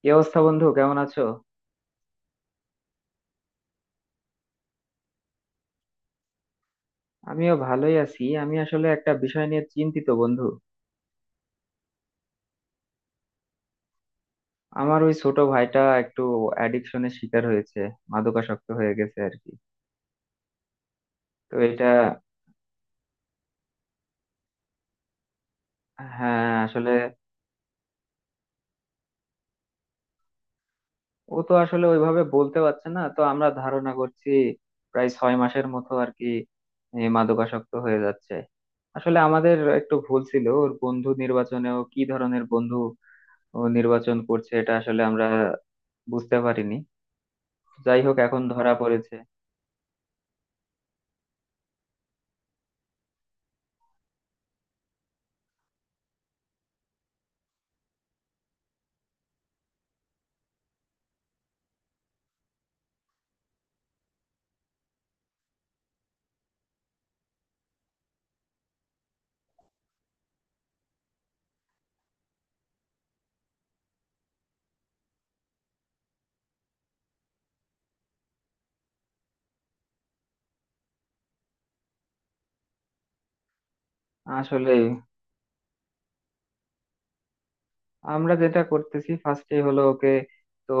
কি অবস্থা বন্ধু? কেমন আছো? আমিও ভালোই আছি। আমি আসলে একটা বিষয় নিয়ে চিন্তিত, বন্ধু। আমার ওই ছোট ভাইটা একটু অ্যাডিকশনের শিকার হয়েছে, মাদকাসক্ত হয়ে গেছে আর কি। তো এটা, হ্যাঁ আসলে, ও তো আসলে ওইভাবে বলতে পারছে না, তো আমরা ধারণা করছি প্রায় 6 মাসের মতো আর কি মাদকাসক্ত হয়ে যাচ্ছে। আসলে আমাদের একটু ভুল ছিল ওর বন্ধু নির্বাচনেও। কি ধরনের বন্ধু ও নির্বাচন করছে এটা আসলে আমরা বুঝতে পারিনি। যাই হোক, এখন ধরা পড়েছে। আসলে আমরা যেটা করতেছি ফার্স্টে হলো ওকে, তো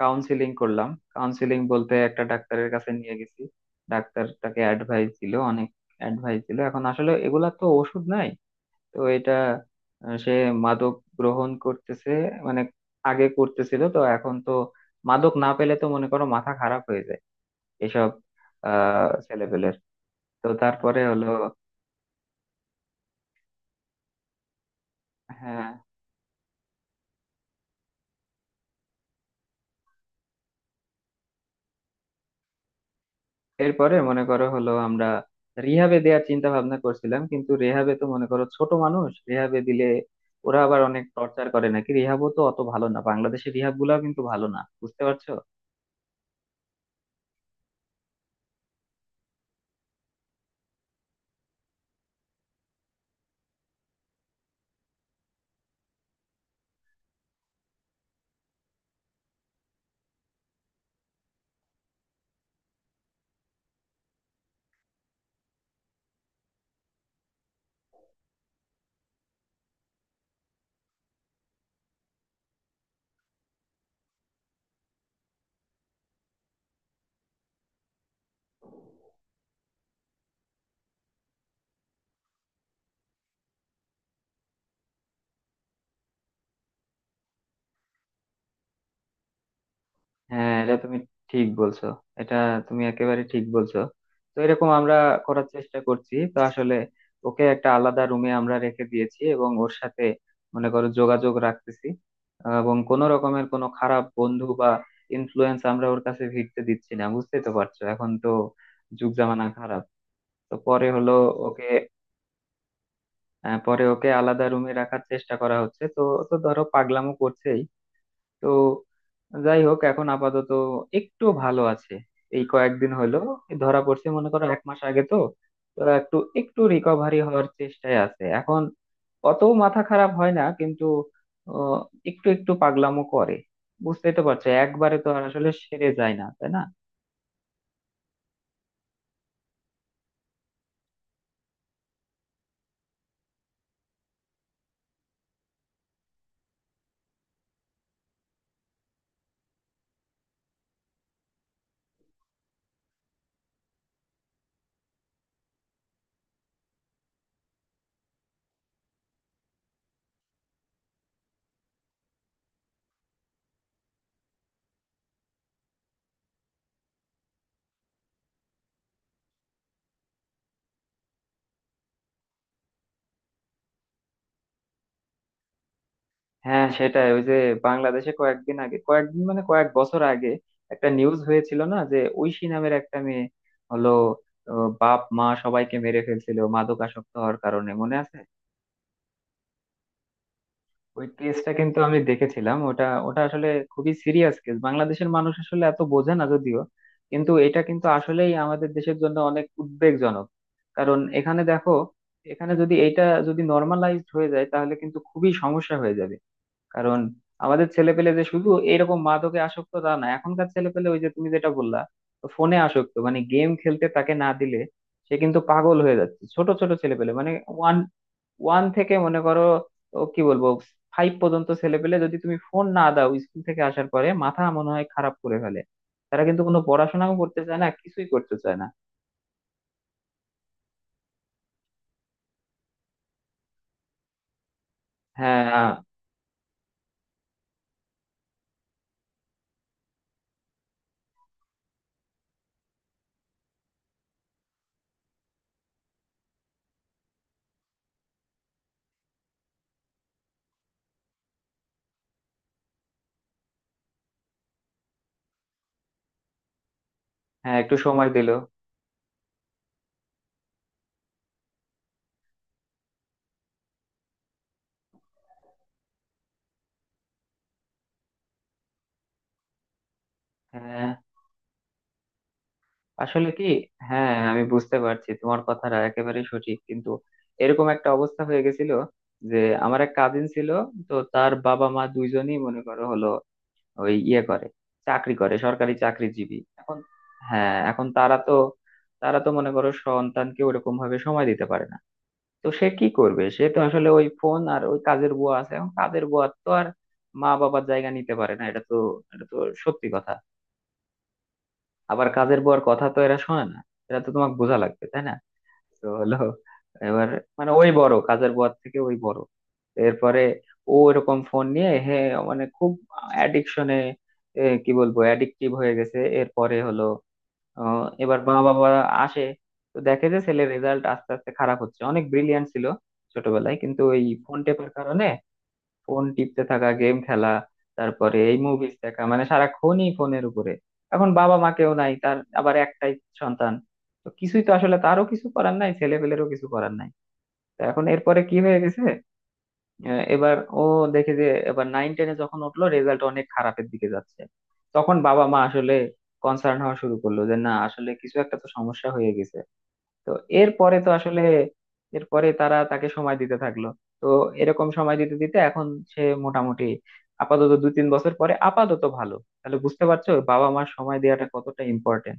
কাউন্সিলিং করলাম। কাউন্সিলিং বলতে একটা ডাক্তারের কাছে নিয়ে গেছি। ডাক্তার তাকে অ্যাডভাইস দিল, অনেক অ্যাডভাইস দিল। এখন আসলে এগুলা তো ওষুধ নাই। তো এটা, সে মাদক গ্রহণ করতেছে, মানে আগে করতেছিল, তো এখন তো মাদক না পেলে তো মনে করো মাথা খারাপ হয়ে যায় এসব ছেলেপেলের। তো তারপরে হলো, হ্যাঁ এরপরে মনে করো হলো আমরা রিহাবে দেওয়ার চিন্তা ভাবনা করছিলাম, কিন্তু রেহাবে তো মনে করো ছোট মানুষ রেহাবে দিলে ওরা আবার অনেক টর্চার করে নাকি, রিহাবও তো অত ভালো না, বাংলাদেশের রিহাব গুলাও কিন্তু ভালো না, বুঝতে পারছো? হ্যাঁ, এটা তুমি ঠিক বলছো। এটা তুমি একেবারে ঠিক বলছো। তো এরকম আমরা করার চেষ্টা করছি। তো আসলে ওকে একটা আলাদা রুমে আমরা রেখে দিয়েছি এবং ওর সাথে মনে করো যোগাযোগ রাখতেছি, এবং কোনো রকমের কোনো খারাপ বন্ধু বা ইনফ্লুয়েন্স আমরা ওর কাছে ভিড়তে দিচ্ছি না। বুঝতেই তো পারছো, এখন তো যুগ জামানা খারাপ। তো পরে হলো ওকে, পরে ওকে আলাদা রুমে রাখার চেষ্টা করা হচ্ছে, তো ও তো ধরো পাগলামো করছেই। তো যাই হোক এখন আপাতত একটু ভালো আছে, এই কয়েকদিন হলো ধরা পড়ছে, মনে করো 1 মাস আগে। তো তো একটু একটু রিকভারি হওয়ার চেষ্টায় আছে এখন, অত মাথা খারাপ হয় না, কিন্তু আহ, একটু একটু পাগলামো করে। বুঝতেই তো পারছো, একবারে তো আর আসলে সেরে যায় না, তাই না? হ্যাঁ সেটাই। ওই যে বাংলাদেশে কয়েকদিন আগে, কয়েকদিন মানে কয়েক বছর আগে একটা নিউজ হয়েছিল না, যে ঐশী নামের একটা মেয়ে হলো বাপ মা সবাইকে মেরে ফেলছিল মাদকাসক্ত হওয়ার কারণে, মনে আছে? ওই কেসটা কিন্তু আমি দেখেছিলাম। ওটা ওটা আসলে খুবই সিরিয়াস কেস। বাংলাদেশের মানুষ আসলে এত বোঝে না যদিও, কিন্তু এটা কিন্তু আসলেই আমাদের দেশের জন্য অনেক উদ্বেগজনক। কারণ এখানে দেখো, এখানে যদি এটা যদি নর্মালাইজড হয়ে যায় তাহলে কিন্তু খুবই সমস্যা হয়ে যাবে। কারণ আমাদের ছেলেপেলে যে শুধু এইরকম মাদকে আসক্ত তা না, এখনকার ছেলেপেলে ওই যে তুমি যেটা বললা, ফোনে আসক্ত, মানে গেম খেলতে তাকে না দিলে সে কিন্তু পাগল হয়ে যাচ্ছে। ছোট ছোট ছেলেপেলে মানে ওয়ান ওয়ান থেকে মনে করো, ও কি বলবো, ফাইভ পর্যন্ত ছেলেপেলে যদি তুমি ফোন না দাও স্কুল থেকে আসার পরে মাথা মনে হয় খারাপ করে ফেলে। তারা কিন্তু কোনো পড়াশোনাও করতে চায় না, কিছুই করতে চায় না। হ্যাঁ। হ্যাঁ একটু সময় দিল। হ্যাঁ আসলে কি, হ্যাঁ আমি বুঝতে পারছি, তোমার কথাটা একেবারে সঠিক, কিন্তু এরকম একটা অবস্থা হয়ে গেছিল যে আমার এক কাজিন ছিল, তো তার বাবা মা দুইজনই মনে করো হলো ওই ইয়ে করে, চাকরি করে, সরকারি চাকরিজীবী এখন। হ্যাঁ, এখন তারা তো মনে করো সন্তানকে ওরকম ভাবে সময় দিতে পারে না। তো সে কি করবে, সে তো আসলে ওই ফোন আর ওই কাজের বুয়া আছে। এখন কাজের বুয়া তো আর মা বাবার জায়গা নিতে পারে না, এটা তো সত্যি কথা। আবার কাজের বউয়ের কথা তো এরা শোনে না, এটা তো তোমাকে বোঝা লাগবে, তাই না? তো হলো এবার, মানে ওই বড় কাজের বউয়ের থেকে ওই বড়, এরপরে ও এরকম ফোন নিয়ে মানে খুব অ্যাডিকশনে, কি বলবো, অ্যাডিকটিভ হয়ে গেছে। এরপরে হলো এবার মা বাবা আসে, তো দেখে যে ছেলের রেজাল্ট আস্তে আস্তে খারাপ হচ্ছে, অনেক ব্রিলিয়ান্ট ছিল ছোটবেলায়, কিন্তু ওই ফোন টেপার কারণে, ফোন টিপতে থাকা, গেম খেলা, তারপরে এই মুভিজ দেখা, মানে সারাক্ষণই ফোনের উপরে। এখন বাবা মা কেউ নাই তার, আবার একটাই সন্তান, তো কিছুই তো আসলে, তারও কিছু করার নাই, ছেলে পেলেরও কিছু করার নাই। তো এখন এরপরে কি হয়ে গেছে, এবার ও দেখে যে, এবার নাইন টেনে যখন উঠলো রেজাল্ট অনেক খারাপের দিকে যাচ্ছে, তখন বাবা মা আসলে কনসার্ন হওয়া শুরু করলো যে না আসলে কিছু একটা তো সমস্যা হয়ে গেছে। তো এরপরে তো আসলে, এরপরে তারা তাকে সময় দিতে থাকলো। তো এরকম সময় দিতে দিতে এখন সে মোটামুটি আপাতত 2-3 বছর পরে আপাতত ভালো। তাহলে বুঝতে পারছো বাবা মার সময় দেওয়াটা কতটা ইম্পর্টেন্ট?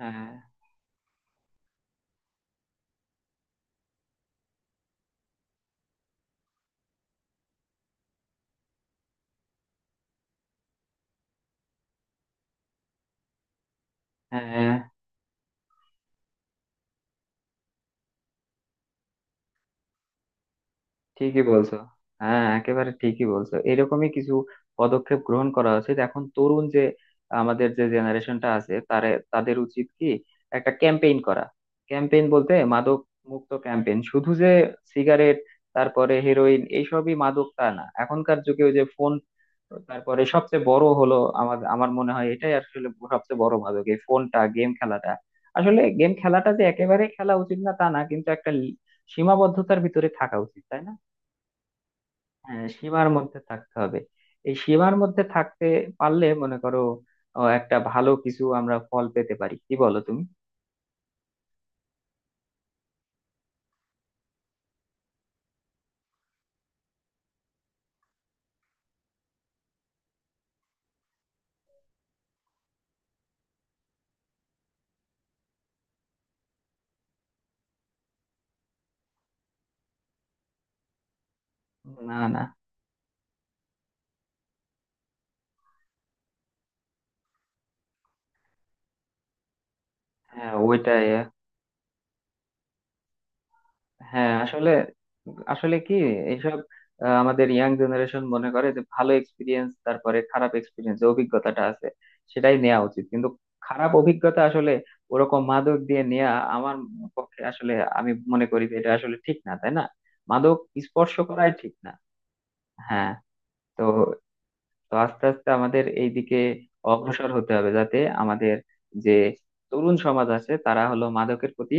হ্যাঁ। হ্যাঁ ঠিকই বলছো, হ্যাঁ একেবারে ঠিকই বলছো। এরকমই কিছু পদক্ষেপ গ্রহণ করা উচিত। এখন তরুণ যে আমাদের যে জেনারেশনটা আছে তাদের উচিত কি একটা ক্যাম্পেইন করা, ক্যাম্পেইন বলতে মাদক মুক্ত ক্যাম্পেইন। শুধু যে সিগারেট তারপরে হেরোইন এইসবই মাদক তা না, এখনকার যুগে ওই যে ফোন, তারপরে সবচেয়ে বড় হলো, আমার আমার মনে হয় এটাই আসলে সবচেয়ে বড় মাদক, এই ফোনটা, গেম খেলাটা। আসলে গেম খেলাটা যে একেবারে খেলা উচিত না তা না, কিন্তু একটা সীমাবদ্ধতার ভিতরে থাকা উচিত, তাই না? হ্যাঁ, সীমার মধ্যে থাকতে হবে। এই সীমার মধ্যে থাকতে পারলে মনে করো একটা ভালো কিছু আমরা ফল পেতে পারি, কি বলো তুমি? না, না। হ্যাঁ ওইটাই। হ্যাঁ আসলে আসলে কি, এইসব, আমাদের ইয়াং জেনারেশন মনে করে যে ভালো এক্সপিরিয়েন্স, তারপরে খারাপ এক্সপিরিয়েন্স, যে অভিজ্ঞতাটা আছে সেটাই নেওয়া উচিত। কিন্তু খারাপ অভিজ্ঞতা আসলে ওরকম মাদক দিয়ে নেওয়া আমার পক্ষে আসলে, আমি মনে করি যে এটা আসলে ঠিক না, তাই না? মাদক স্পর্শ করাই ঠিক না। হ্যাঁ। তো তো আস্তে আস্তে আমাদের এই দিকে অগ্রসর হতে হবে যাতে আমাদের যে তরুণ সমাজ আছে তারা হলো মাদকের প্রতি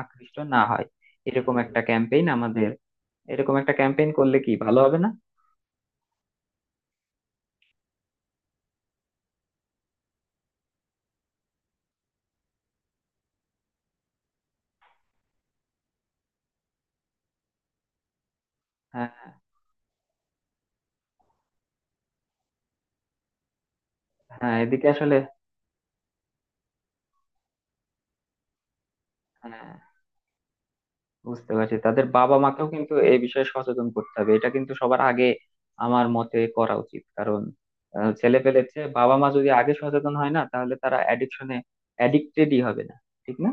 আকৃষ্ট না হয়। এরকম একটা ক্যাম্পেইন আমাদের, এরকম একটা ক্যাম্পেইন করলে কি ভালো হবে না? হ্যাঁ, হ্যাঁ। এদিকে আসলে, হ্যাঁ বুঝতে পারছি, তাদের বাবা মাকেও কিন্তু এই বিষয়ে সচেতন করতে হবে। এটা কিন্তু সবার আগে আমার মতে করা উচিত, কারণ ছেলে পেলে চেয়ে বাবা মা যদি আগে সচেতন হয় না তাহলে তারা অ্যাডিকশনে অ্যাডিক্টেডই হবে না। ঠিক না?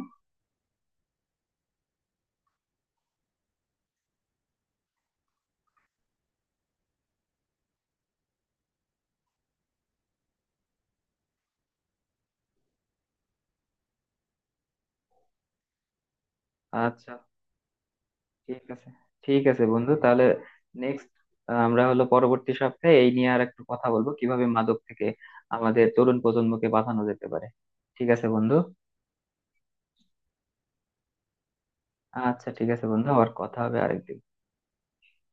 আচ্ছা, ঠিক আছে। ঠিক আছে বন্ধু, তাহলে নেক্সট আমরা হলো পরবর্তী সপ্তাহে এই নিয়ে আর একটু কথা বলবো কিভাবে মাদক থেকে আমাদের তরুণ প্রজন্মকে বাঁচানো যেতে পারে। ঠিক আছে বন্ধু। আচ্ছা ঠিক আছে বন্ধু, আবার কথা হবে আরেকদিন।